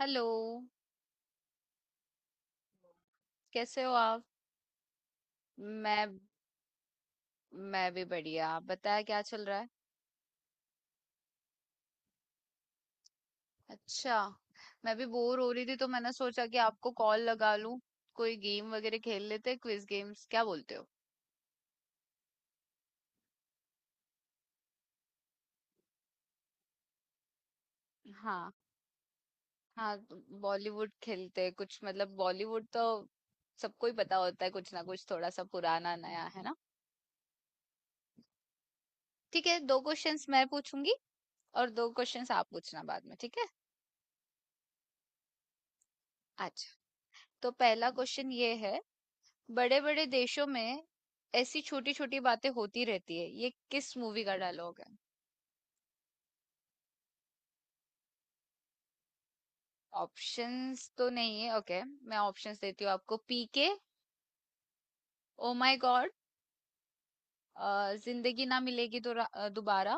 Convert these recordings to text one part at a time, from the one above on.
Hello. कैसे हो आप। मैं मैं भी बढ़िया, आप बताया क्या चल रहा है। अच्छा, मैं भी बोर हो रही थी तो मैंने सोचा कि आपको कॉल लगा लूं। कोई गेम वगैरह खेल लेते हैं, क्विज गेम्स, क्या बोलते हो। हाँ, हाँ। बॉलीवुड खेलते हैं कुछ, मतलब बॉलीवुड तो सबको ही पता होता है, कुछ ना कुछ थोड़ा सा पुराना नया, है ना। ठीक है, दो क्वेश्चंस मैं पूछूंगी और दो क्वेश्चंस आप पूछना बाद में, ठीक है। अच्छा, तो पहला क्वेश्चन ये है। बड़े बड़े देशों में ऐसी छोटी छोटी बातें होती रहती है, ये किस मूवी का डायलॉग है। ऑप्शंस तो नहीं है, ओके मैं ऑप्शंस देती हूँ आपको। PK, oh my god, Zindagi Na मिलेगी दोबारा,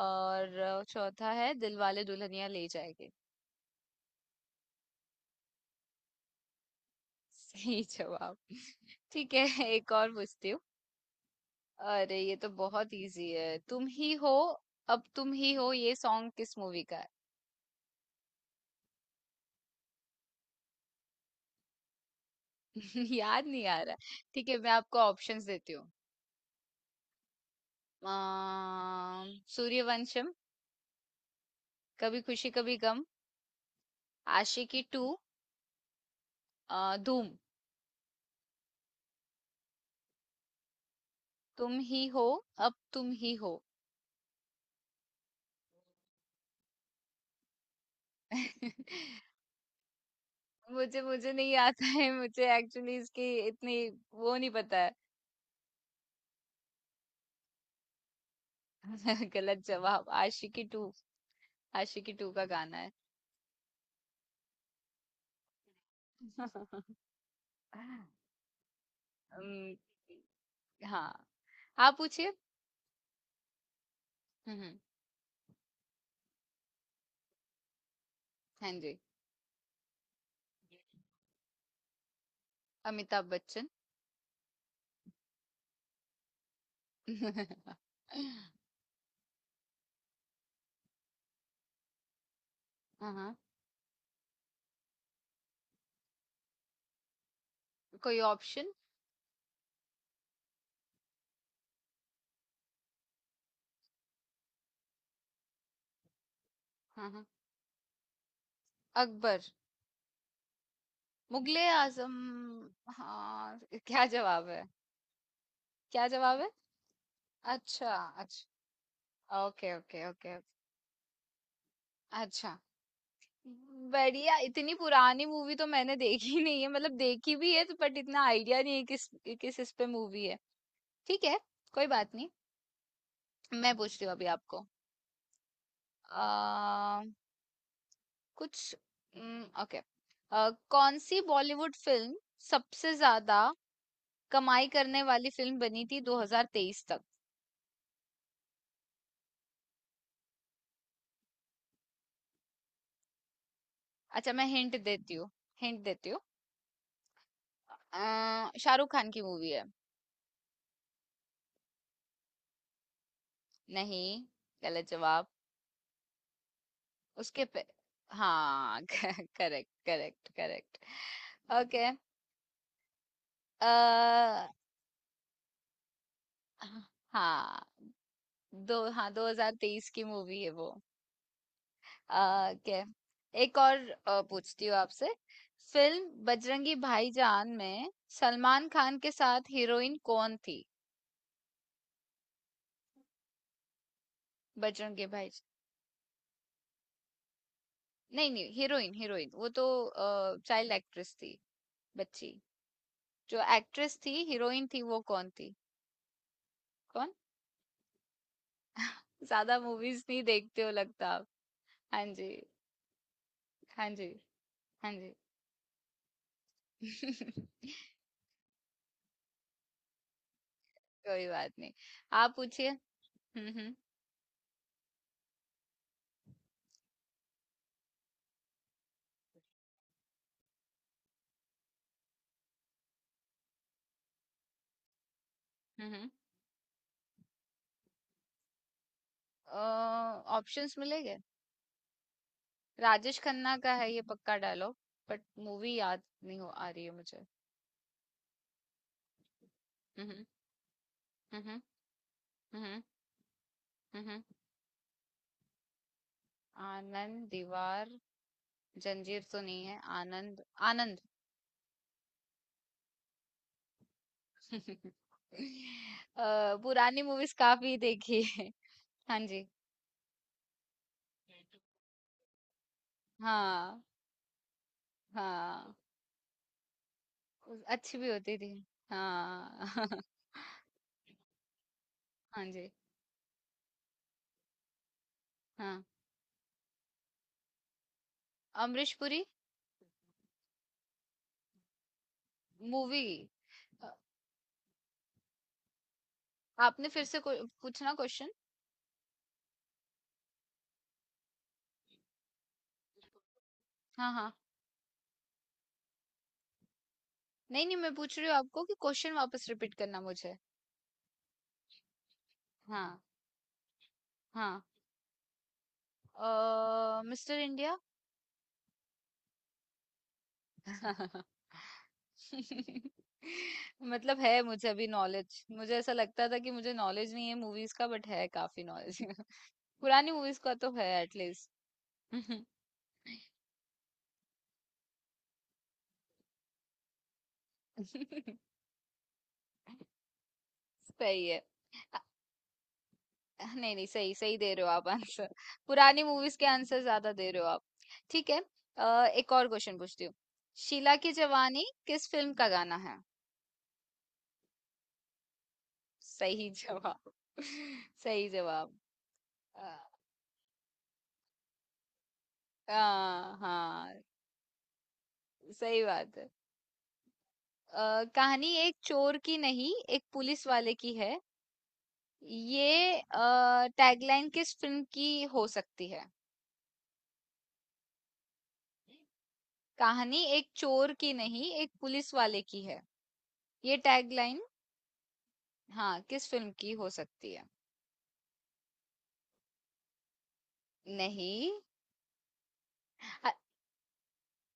और चौथा है दिलवाले दुल्हनिया ले जाएंगे। सही जवाब। ठीक है, एक और पूछती हूँ। अरे ये तो बहुत इजी है, तुम ही हो, अब तुम ही हो, ये सॉन्ग किस मूवी का है। याद नहीं आ रहा। ठीक है, मैं आपको ऑप्शंस देती हूँ। सूर्यवंशम, कभी खुशी कभी गम, आशिकी टू, धूम। तुम ही हो, अब तुम ही हो। मुझे मुझे नहीं आता है, मुझे एक्चुअली इसकी इतनी वो नहीं पता है। गलत जवाब। आशिकी टू, आशिकी टू का गाना है। अम, हाँ, आप पूछिए। हम्म हम्म, हाँ जी। अमिताभ बच्चन। हाँ, हाँ। कोई ऑप्शन। हाँ, हाँ। अकबर, मुगले आजम। हाँ। क्या जवाब है। क्या जवाब है। अच्छा। अच्छा, ओके ओके ओके। अच्छा, बढ़िया। इतनी पुरानी मूवी तो मैंने देखी नहीं है, मतलब देखी भी है तो बट इतना आइडिया नहीं है किस किस इस पे मूवी है। ठीक है, कोई बात नहीं। मैं पूछती हूँ अभी आपको। आ, कुछ ओके, कौन सी बॉलीवुड फिल्म सबसे ज्यादा कमाई करने वाली फिल्म बनी थी 2023 तक। अच्छा, मैं हिंट देती हूँ, हिंट देती हूँ। शाहरुख खान की मूवी है। नहीं, गलत जवाब। उसके पे, हाँ। Correct correct correct. ओके। अ हाँ, दो हाँ 2023 की मूवी है वो। ओके, एक और पूछती हूँ आपसे। फिल्म बजरंगी भाईजान में सलमान खान के साथ हीरोइन कौन थी। बजरंगी भाई, नहीं नहीं, हीरोइन, हीरोइन, वो तो चाइल्ड एक्ट्रेस थी, बच्ची। जो एक्ट्रेस थी, हीरोइन थी, वो कौन थी। कौन। ज्यादा मूवीज नहीं देखते हो लगता आप। हाँ जी। हाँ जी, हाँ जी। कोई बात नहीं। आप पूछिए। हम्म हम्म हम्म ऑप्शंस मिलेंगे। राजेश खन्ना का है ये, पक्का डायलॉग, बट मूवी याद नहीं हो आ रही है मुझे। हम्म हम्म हम्म हम्म हम्म, हम्म। आनंद, दीवार, जंजीर तो नहीं है, आनंद, आनंद। अ, पुरानी मूवीज काफी देखी है। हाँ जी। हाँ, हाँ। उस अच्छी भी होती थी। हाँ। हाँ जी, हाँ। अमरीश पुरी। मूवी। अ, आपने फिर से कोई पूछना क्वेश्चन? हाँ, हाँ। नहीं-नहीं, मैं पूछ रही हूँ आपको कि क्वेश्चन वापस रिपीट करना मुझे। हाँ, हाँ। Mister India? मतलब है मुझे अभी नॉलेज। मुझे ऐसा लगता था कि मुझे नॉलेज नहीं है मूवीज़ का, बट है काफ़ी नॉलेज। पुरानी मूवीज़ का तो है एट लीस्ट। सही है। अ- नहीं नहीं, सही सही दे रहे हो आप आंसर। पुरानी मूवीज के आंसर ज्यादा दे रहे हो आप। ठीक है, एक और क्वेश्चन पूछती हूँ। शीला की जवानी किस फिल्म का गाना है। सही जवाब। सही जवाब। अ, हाँ, हाँ, सही बात है। कहानी एक चोर की नहीं एक पुलिस वाले की है, ये टैगलाइन किस फिल्म की हो सकती है। कहानी एक चोर की नहीं एक पुलिस वाले की है, ये टैगलाइन। हाँ, किस फिल्म की हो सकती है? नहीं। अ,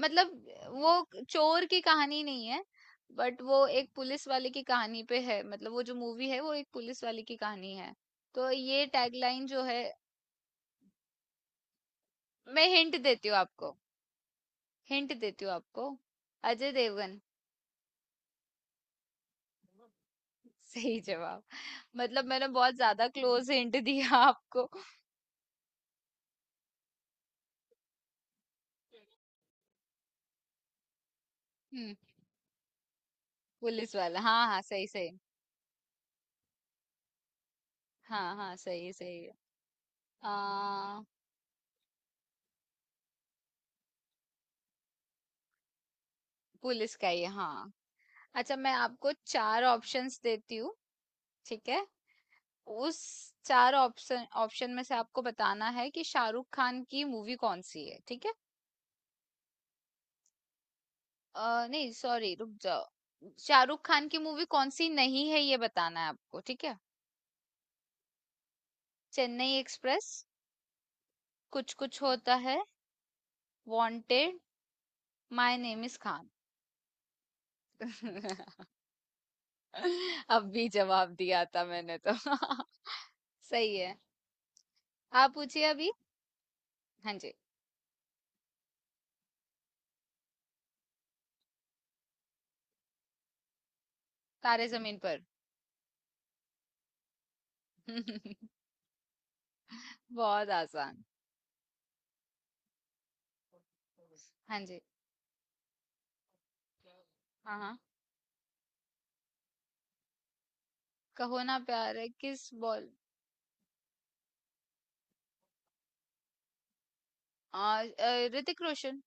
मतलब, वो चोर की कहानी नहीं है, बट वो एक पुलिस वाले की कहानी पे है, मतलब वो जो मूवी है वो एक पुलिस वाले की कहानी है, तो ये टैगलाइन जो है। मैं हिंट देती हूँ आपको, हिंट देती हूँ आपको। अजय देवगन। सही जवाब। मतलब मैंने बहुत ज्यादा क्लोज हिंट दिया आपको। हम्म, पुलिस वाला, हाँ हाँ सही सही। हाँ हाँ सही सही। आ, पुलिस का ही है, हाँ। अच्छा, मैं आपको चार ऑप्शंस देती हूँ। ठीक है, उस चार ऑप्शन ऑप्शन में से आपको बताना है कि शाहरुख खान की मूवी कौन सी है, ठीक है। नहीं सॉरी, रुक जाओ। शाहरुख खान की मूवी कौन सी नहीं है ये बताना है आपको, ठीक है। चेन्नई एक्सप्रेस, कुछ कुछ होता है, wanted, my name is Khan. अब भी जवाब दिया था मैंने तो। सही है। आप पूछिए अभी। हाँ जी। तारे जमीन पर। बहुत आसान। हाँ जी। हाँ हाँ, कहो ना प्यार है किस बॉल। ऋतिक रोशन।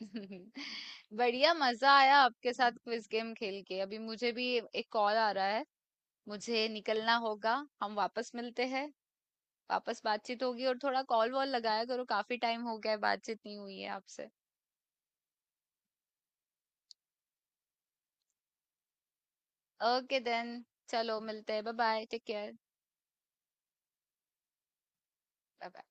बढ़िया, मजा आया आपके साथ क्विज गेम खेल के। अभी मुझे भी एक कॉल आ रहा है, मुझे निकलना होगा। हम वापस मिलते हैं, वापस बातचीत होगी, और थोड़ा कॉल वॉल लगाया करो, काफी टाइम हो गया है बातचीत नहीं हुई है आपसे। ओके देन, चलो मिलते हैं, bye bye, take care. Bye.